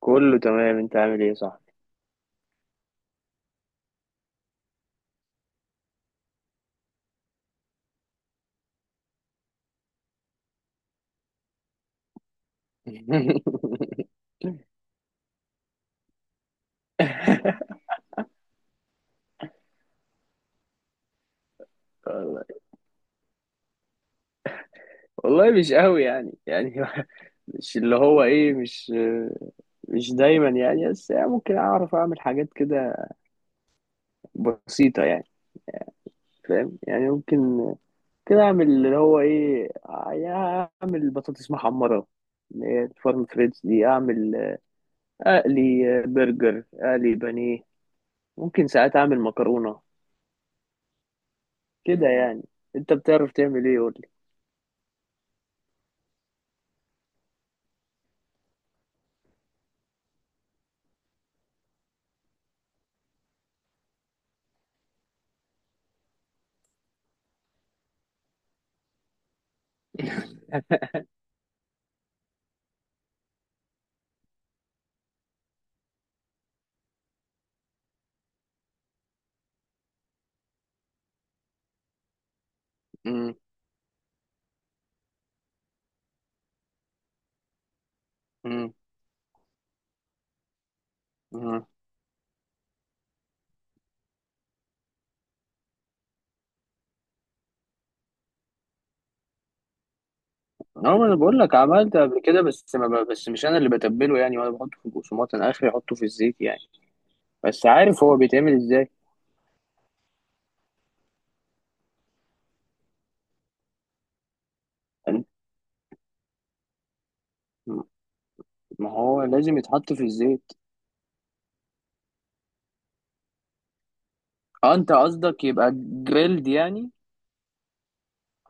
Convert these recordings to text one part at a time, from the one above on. كله تمام، انت عامل ايه؟ صح. والله، والله مش قوي يعني، مش اللي هو ايه، مش دايما يعني، بس يعني ممكن اعرف اعمل حاجات كده بسيطة يعني. فاهم يعني؟ ممكن كده اعمل اللي هو ايه يعني. اعمل بطاطس محمرة، اللي هي الفارم فريدز دي، اعمل اقلي برجر، اقلي بانيه. ممكن ساعات اعمل مكرونة كده يعني. انت بتعرف تعمل ايه؟ قول لي. مم. مم. اه، ما انا بقول لك عملت قبل كده، بس ما ب- بس مش انا اللي بتبله يعني، وانا بحطه في البقسماط، انا اخري احطه في الزيت يعني. بس عارف هو بيتعمل ازاي. أن- ما هو لازم يتحط في الزيت. اه انت قصدك يبقى جريلد يعني.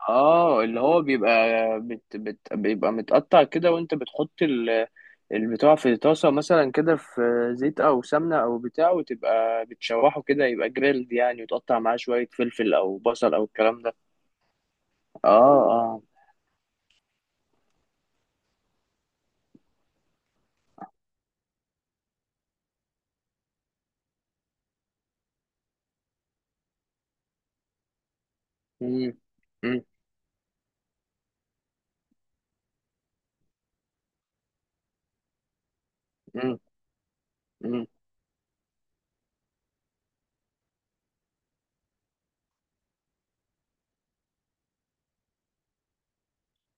اه، اللي هو بيبقى، بت بت بيبقى متقطع كده، وانت بتحط البتاع في طاسة مثلا كده، في زيت او سمنة او بتاع، وتبقى بتشوحه كده، يبقى جريلد يعني، وتقطع معاه شوية فلفل او بصل او الكلام ده. اه. اه. مم. مم. مم. مم.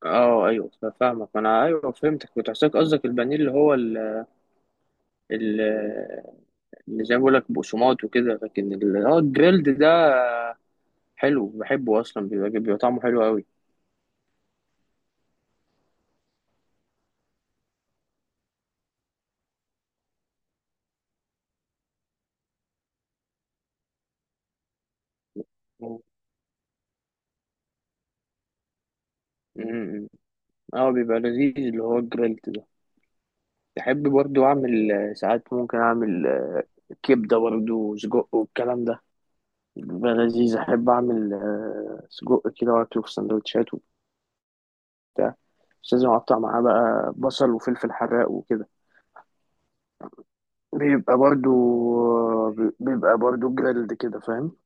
اه ايوه، فاهمك، ما انا ايوه فهمتك، كنت حاسسك قصدك البانيه اللي هو، ال- اللي زي ما بقول لك بقسماط وكده، لكن اه الجريلد ده حلو، بحبه اصلا، بيبقى طعمه حلو قوي. مم. مم. اه بيبقى لذيذ اللي هو الجريلد ده. بحب برضو اعمل ساعات ممكن اعمل كبده برضو وسجق والكلام ده، بيبقى لذيذ. احب اعمل سجق كده، واكله في سندوتشات وبتاع. بس لازم اقطع معاه بقى بصل وفلفل حراق وكده، بيبقى برضو بيبقى برضو جريلد كده فاهم.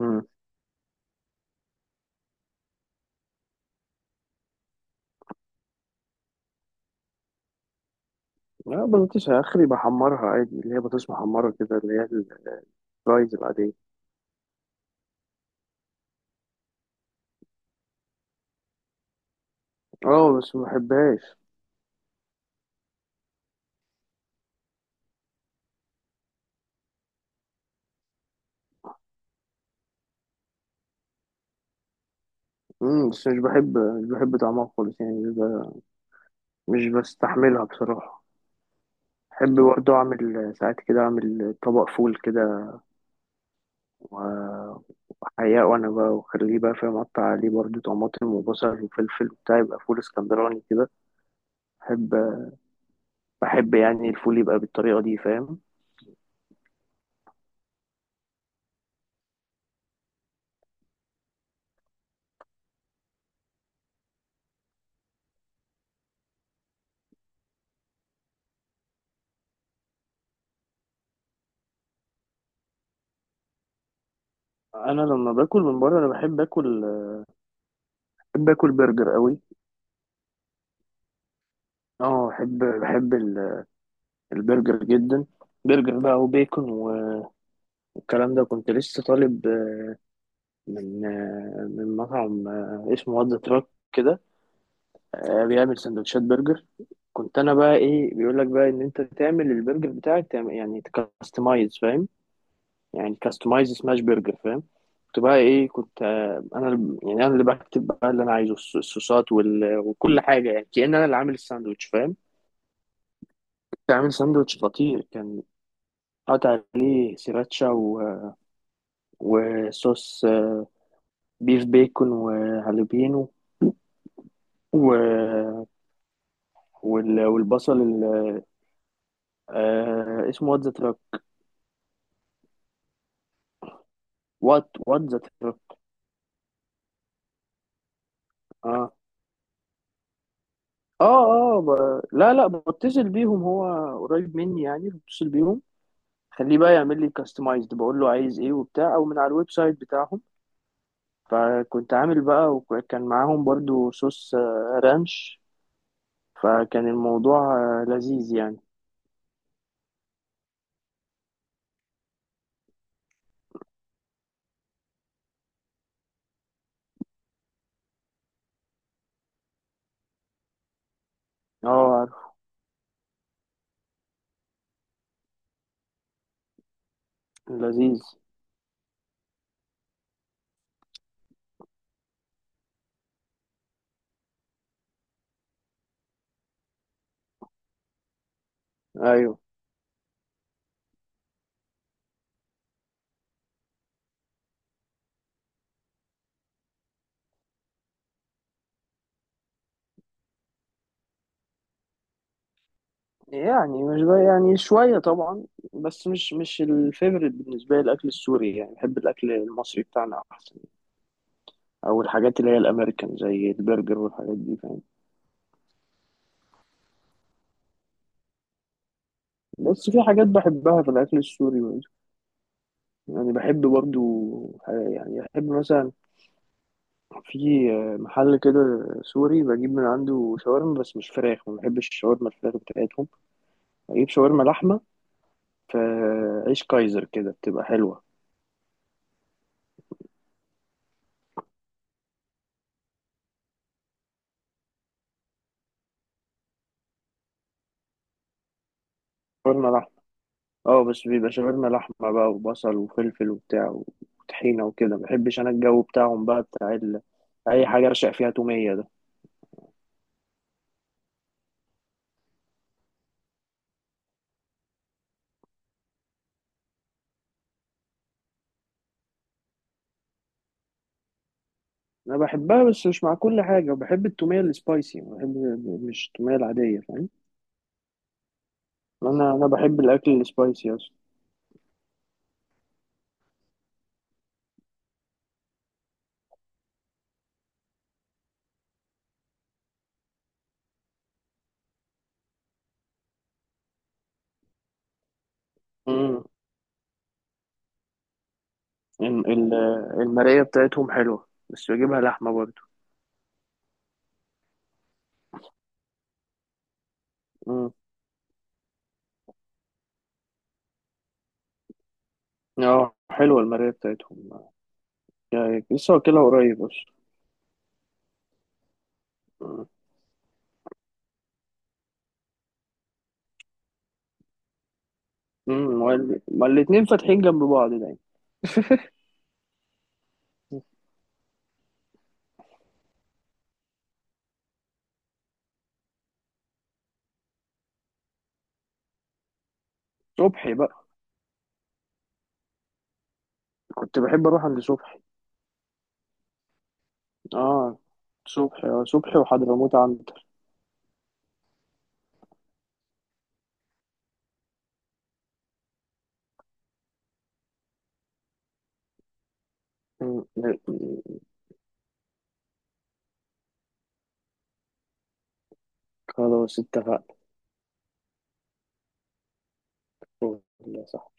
مم. لا بطاطس اخري بحمرها عادي، اللي هي بطاطس محمرة كده، اللي هي الفرايز العادية. اه بس ما بحبهاش. مم، بس مش بحب طعمها خالص يعني. مش بستحملها بصراحة. بحب برضو أعمل ساعات كده، أعمل طبق فول كده و- وأحياه، وأنا بقى وأخليه بقى فاهم، أقطع عليه برضو طماطم وبصل وفلفل وبتاع، يبقى فول اسكندراني كده. بحب بحب يعني الفول يبقى بالطريقة دي فاهم. انا لما باكل من بره، انا بحب اكل برجر قوي. اه، بحب البرجر جدا، برجر بقى وبيكون والكلام ده. كنت لسه طالب من مطعم اسمه "وات ذا تراك" كده، بيعمل سندوتشات برجر. كنت انا بقى ايه بيقول لك بقى ان انت تعمل البرجر بتاعك، تعمل يعني تكستمايز فاهم، يعني كاستمايز سماش برجر فاهم. كنت بقى ايه، كنت انا يعني انا اللي بكتب بقى اللي انا عايزه، الصوصات وكل حاجه، يعني كأن انا اللي عامل الساندوتش فاهم. كنت عامل ساندوتش خطير، كان قطع عليه سراتشا وصوص بيف بيكون وهالوبينو و... والبصل اسمه "وات ذا تراك". وات ذا تراك. اه. اه. اه لا، لا، بتصل بيهم، هو قريب مني يعني، بتصل بيهم. خليه بقى يعمل لي كاستمايزد، بقول له عايز ايه وبتاع، او من على الويب سايت بتاعهم. فكنت عامل بقى، وكان معاهم برضو صوص رانش، فكان الموضوع لذيذ يعني. اه عارف. لذيذ. ايوه، يعني مش بقى يعني شوية طبعا، بس مش الفيفوريت بالنسبة لي الأكل السوري يعني. بحب الأكل المصري بتاعنا أحسن، أو الحاجات اللي هي الأمريكان زي البرجر والحاجات دي فاهم. بس في حاجات بحبها في الأكل السوري برضه. يعني بحب برضو، يعني بحب مثلا في محل كده سوري، بجيب من عنده شاورما، بس مش فراخ، ما بحبش الشاورما الفراخ بتاعتهم. بجيب شاورما لحمة في عيش كايزر كده، بتبقى حلوة. شاورما لحمة. اه، بس بيبقى شاورما لحمة بقى، وبصل وفلفل وبتاع وطحينة وكده. مبحبش أنا الجو بتاعهم بقى بتاع أي حاجة أرشق فيها تومية ده. أنا بحبها بس مش مع كل حاجة، وبحب التومية السبايسي، بحب مش التومية العادية فاهم. أنا بحب الأكل السبايسي أصلا. مم. ال- ال- المراية بتاعتهم حلوة، بس بجيبها لحمة برضو. مم. اه، حلوة المراية بتاعتهم، يعني لسه واكلها قريب أصلا. مم. مم. ما الاتنين فاتحين جنب بعض دايما. صبحي بقى، كنت بحب اروح عند صبحي. اه صبحي. اه صبحي وحضرموت عنتر. م- م- خلاص اتفقنا. صح.